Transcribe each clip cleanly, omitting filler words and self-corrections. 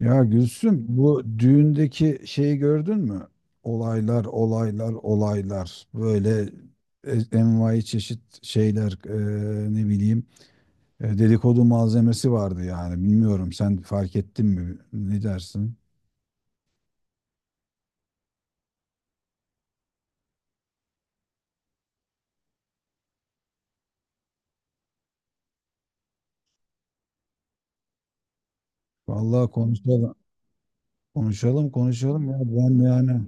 Ya Gülsüm bu düğündeki şeyi gördün mü? Olaylar, olaylar, olaylar. Böyle envai çeşit şeyler, ne bileyim, dedikodu malzemesi vardı yani. Bilmiyorum, sen fark ettin mi? Ne dersin? Vallahi konuşalım. Konuşalım, konuşalım ya. Ben yani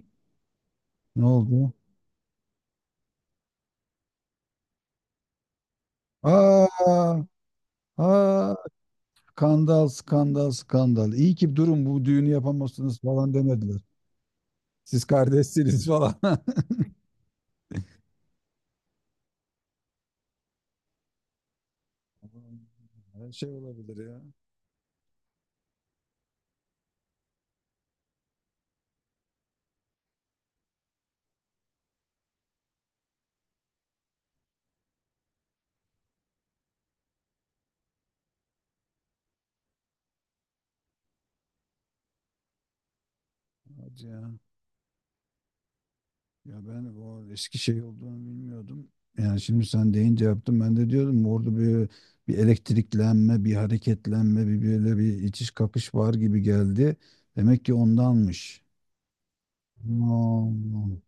ne oldu? Aa, aa, skandal, skandal, skandal. İyi ki durum bu düğünü yapamazsınız falan demediler. Siz kardeşsiniz falan. Aman, her şey olabilir ya. Hadi ya. Ya ben o eski şey olduğunu bilmiyordum. Yani şimdi sen deyince yaptım. Ben de diyordum orada bir elektriklenme, bir hareketlenme, bir böyle bir itiş kakış var gibi geldi. Demek ki ondanmış. Aman.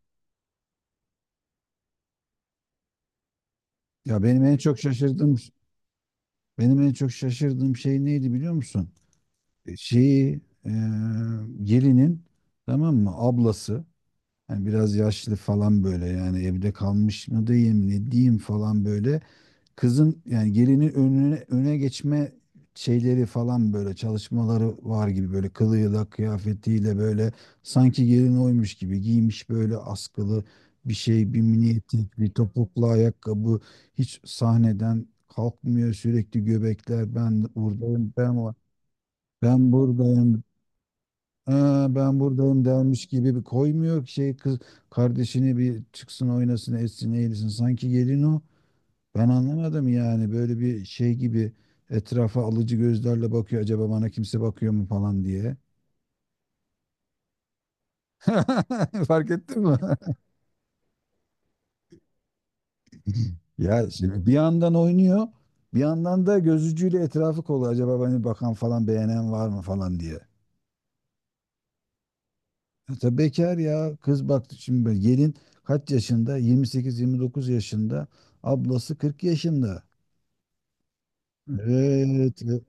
Ya benim en çok şaşırdığım benim en çok şaşırdığım şey neydi biliyor musun? Şeyi, e, gelinin, tamam mı, ablası. Yani biraz yaşlı falan böyle, yani evde kalmış mı diyeyim ne diyeyim falan böyle. Kızın yani gelinin önüne öne geçme şeyleri falan böyle çalışmaları var gibi, böyle kılığıyla kıyafetiyle, böyle sanki gelin oymuş gibi giymiş, böyle askılı bir şey, bir mini etek, bir topuklu ayakkabı, hiç sahneden kalkmıyor, sürekli göbekler, ben buradayım, ben var, ben buradayım. "Aa, ben buradayım" dermiş gibi bir koymuyor ki şey, kız kardeşini bir çıksın oynasın etsin eğilsin, sanki gelin o. Ben anlamadım yani, böyle bir şey gibi etrafa alıcı gözlerle bakıyor, acaba bana kimse bakıyor mu falan diye. Fark ettin mi? Ya şimdi bir yandan oynuyor, bir yandan da gözücüyle etrafı kolluyor, acaba beni bakan falan beğenen var mı falan diye. Ya tabii bekar ya kız, baktı şimdi böyle gelin kaç yaşında, 28-29 yaşında, ablası 40 yaşında. Evet,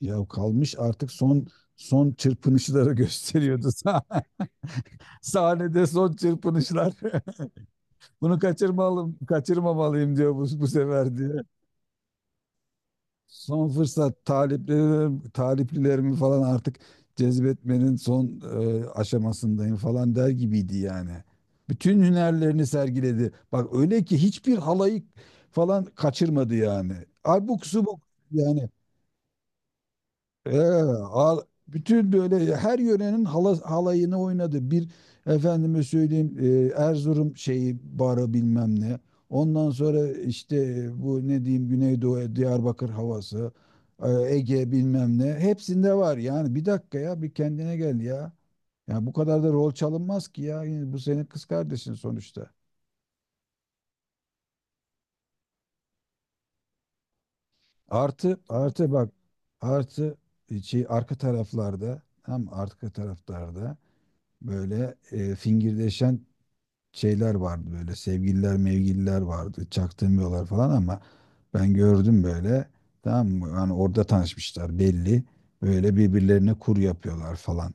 ya kalmış artık, son çırpınışları gösteriyordu. Sahnede son çırpınışlar. Kaçırmamalıyım diyor bu sefer diye. Son fırsat, taliplilerimi falan artık cezbetmenin son, aşamasındayım falan der gibiydi yani. Bütün hünerlerini sergiledi. Bak öyle ki hiçbir halayı falan kaçırmadı yani. Abuk subuk yani. Ee, al- Bütün böyle her yörenin halayını oynadı. Bir efendime söyleyeyim, Erzurum şeyi, barı bilmem ne. Ondan sonra işte, bu ne diyeyim, Güneydoğu Diyarbakır havası, Ege bilmem ne. Hepsinde var yani. Bir dakika ya, bir kendine gel ya. Ya bu kadar da rol çalınmaz ki ya. Yani bu senin kız kardeşin sonuçta. Artı artı bak, artı, şey arka taraflarda, tam arka taraflarda böyle, fingirdeşen şeyler vardı böyle, sevgililer mevgililer vardı, çaktırmıyorlar falan ama ben gördüm böyle. Tamam mı, yani orada tanışmışlar belli, böyle birbirlerine kur yapıyorlar falan.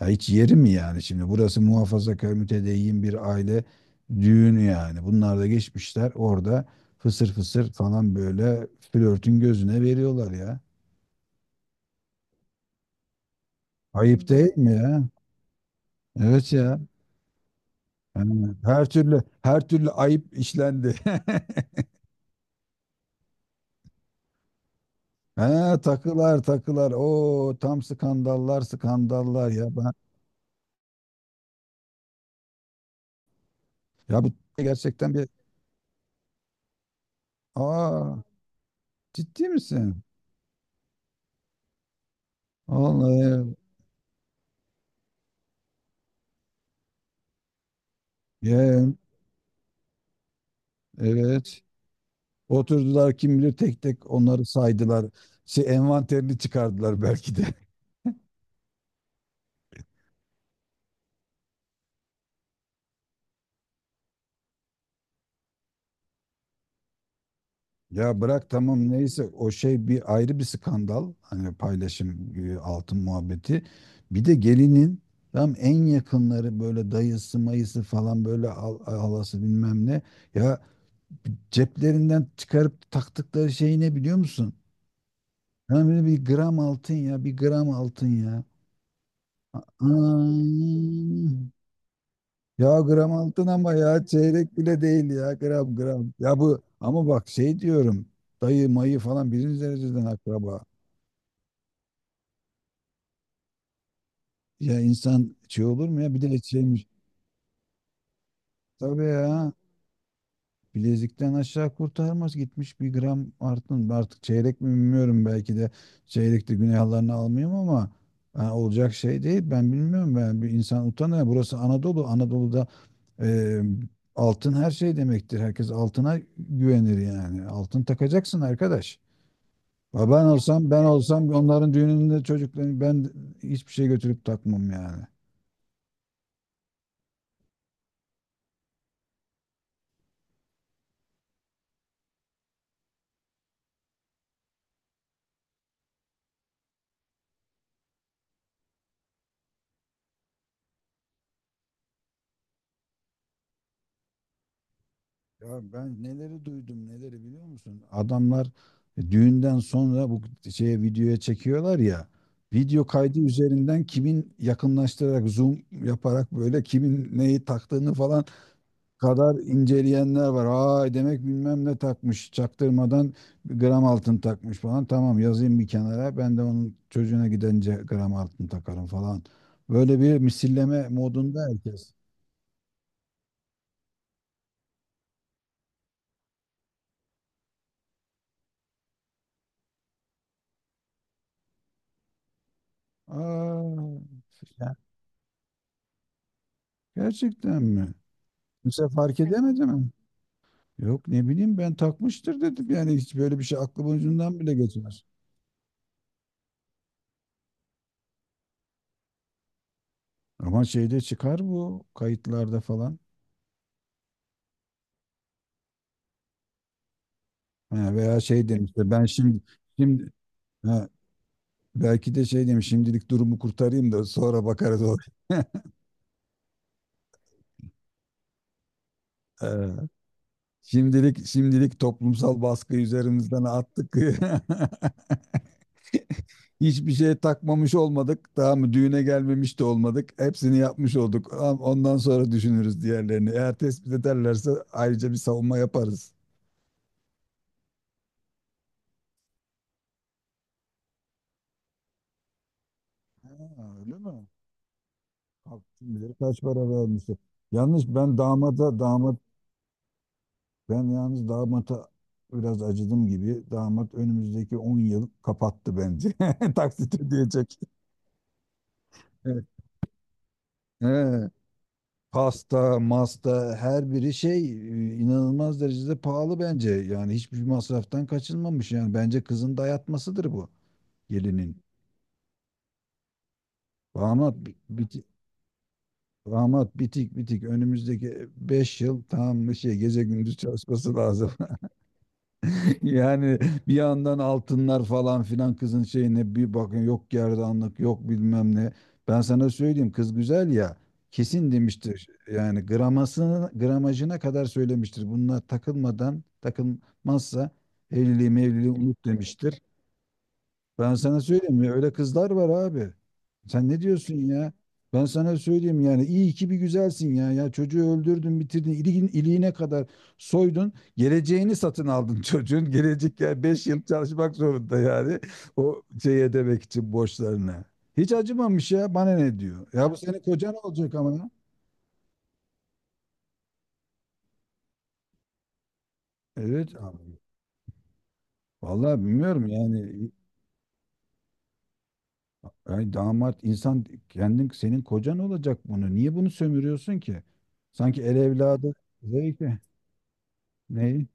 Ya hiç yeri mi yani, şimdi burası muhafazakar mütedeyyin bir aile düğünü, yani bunlar da geçmişler orada fısır fısır falan böyle, flörtün gözüne veriyorlar ya. Ayıp değil mi ya? Evet ya. Yani her türlü, her türlü ayıp işlendi. He, takılar takılar. O tam skandallar skandallar ya, ben, ya bu gerçekten bir, aa, ciddi misin? Vallahi ya, ya, evet. Oturdular kim bilir, tek tek onları saydılar. Şey envanterini çıkardılar belki de. Ya bırak, tamam neyse, o şey bir ayrı bir skandal. Hani paylaşım, altın muhabbeti. Bir de gelinin tam en yakınları böyle, dayısı mayısı falan, böyle halası bilmem ne. Ya, ceplerinden çıkarıp taktıkları şey ne biliyor musun? Yani böyle bir gram altın ya, bir gram altın ya. Ay. Ya gram altın ama ya, çeyrek bile değil ya, gram gram. Ya bu ama bak, şey diyorum, dayı mayı falan birinci dereceden akraba. Ya insan şey olur mu ya, bir de şeymiş. Tabii ya, bilezikten aşağı kurtarmaz gitmiş bir gram artın. Artık çeyrek mi bilmiyorum, belki de çeyrekte günahlarını almayayım ama ha, olacak şey değil. Ben bilmiyorum, ben, bir insan utanıyor. Burası Anadolu. Anadolu'da, e, altın her şey demektir. Herkes altına güvenir yani. Altın takacaksın arkadaş. Ya ben olsam, ben olsam onların düğününde çocuklarını ben hiçbir şey götürüp takmam yani. Ya ben neleri duydum neleri biliyor musun? Adamlar, düğünden sonra bu şeye, videoya çekiyorlar ya. Video kaydı üzerinden kimin, yakınlaştırarak zoom yaparak böyle kimin neyi taktığını falan kadar inceleyenler var. Aa, demek bilmem ne takmış çaktırmadan, bir gram altın takmış falan. Tamam yazayım bir kenara, ben de onun çocuğuna gidince gram altın takarım falan. Böyle bir misilleme modunda herkes. Aa, ya gerçekten mi? Kimse fark edemedi mi? Yok ne bileyim, ben takmıştır dedim. Yani hiç böyle bir şey aklımın ucundan bile geçmez. Ama şeyde çıkar, bu kayıtlarda falan. Ha, veya şey demişti, ben şimdi şimdi ha, belki de şey demiş, şimdilik durumu kurtarayım da sonra bakarız o. Ee, şimdilik, toplumsal baskı üzerimizden attık. Hiçbir şey takmamış olmadık. Daha mı düğüne gelmemiş de olmadık. Hepsini yapmış olduk. Ondan sonra düşünürüz diğerlerini. Eğer tespit ederlerse ayrıca bir savunma yaparız. Ha, öyle mi? Bak, kim bilir kaç para vermişti. Yalnız ben damada damat Ben yalnız damata biraz acıdım gibi. Damat önümüzdeki 10 yıl kapattı bence. Taksit ödeyecek. Evet. He. Pasta masta, her biri şey, inanılmaz derecede pahalı bence. Yani hiçbir masraftan kaçınmamış. Yani bence kızın dayatmasıdır, bu gelinin. Damat bi- biti, Damat bitik, bitik, önümüzdeki 5 yıl tam bir şey, gece gündüz çalışması lazım. Yani bir yandan altınlar falan filan, kızın şeyine bir bakın, yok gerdanlık, yok bilmem ne. Ben sana söyleyeyim, kız güzel ya, kesin demiştir. Yani gramajına kadar söylemiştir. Bunlar takılmazsa evliliği mevliliği unut demiştir. Ben sana söyleyeyim ya, öyle kızlar var abi. Sen ne diyorsun ya? Ben sana söyleyeyim, yani iyi ki bir güzelsin ya. Ya çocuğu öldürdün, bitirdin, iliğin, iliğine kadar soydun. Geleceğini satın aldın çocuğun. Gelecek ya, 5 yıl çalışmak zorunda yani. O şey, ödemek için borçlarını. Hiç acımamış ya, bana ne diyor. Ya bu senin kocan olacak ama. Evet abi. Vallahi bilmiyorum yani. Ay damat, insan kendin, senin kocan olacak bunu. Niye bunu sömürüyorsun ki? Sanki el evladı zevki. Neyi?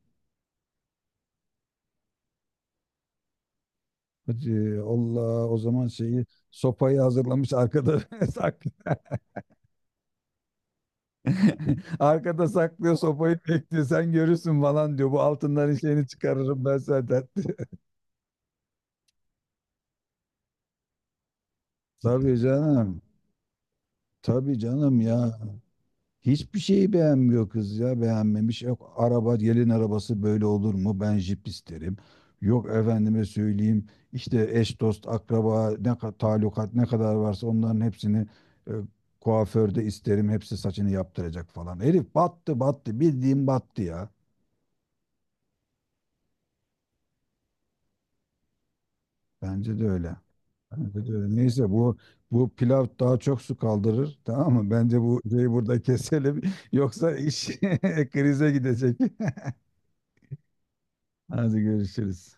Hadi Allah o zaman, şeyi, sopayı hazırlamış arkada saklı. Arkada saklıyor sopayı, bekliyor. Sen görürsün falan diyor. Bu altınların şeyini çıkarırım ben zaten. Tabii canım. Tabii canım ya. Hiçbir şeyi beğenmiyor kız ya, beğenmemiş. Yok, araba, gelin arabası böyle olur mu? Ben jip isterim. Yok efendime söyleyeyim, işte eş dost akraba ne kadar talukat ne kadar varsa onların hepsini, e, kuaförde isterim. Hepsi saçını yaptıracak falan. Herif battı, battı bildiğim, battı ya. Bence de öyle. Bence de öyle. Neyse, bu pilav daha çok su kaldırır tamam mı? Bence bu şeyi burada keselim yoksa iş krize gidecek. Hadi görüşürüz.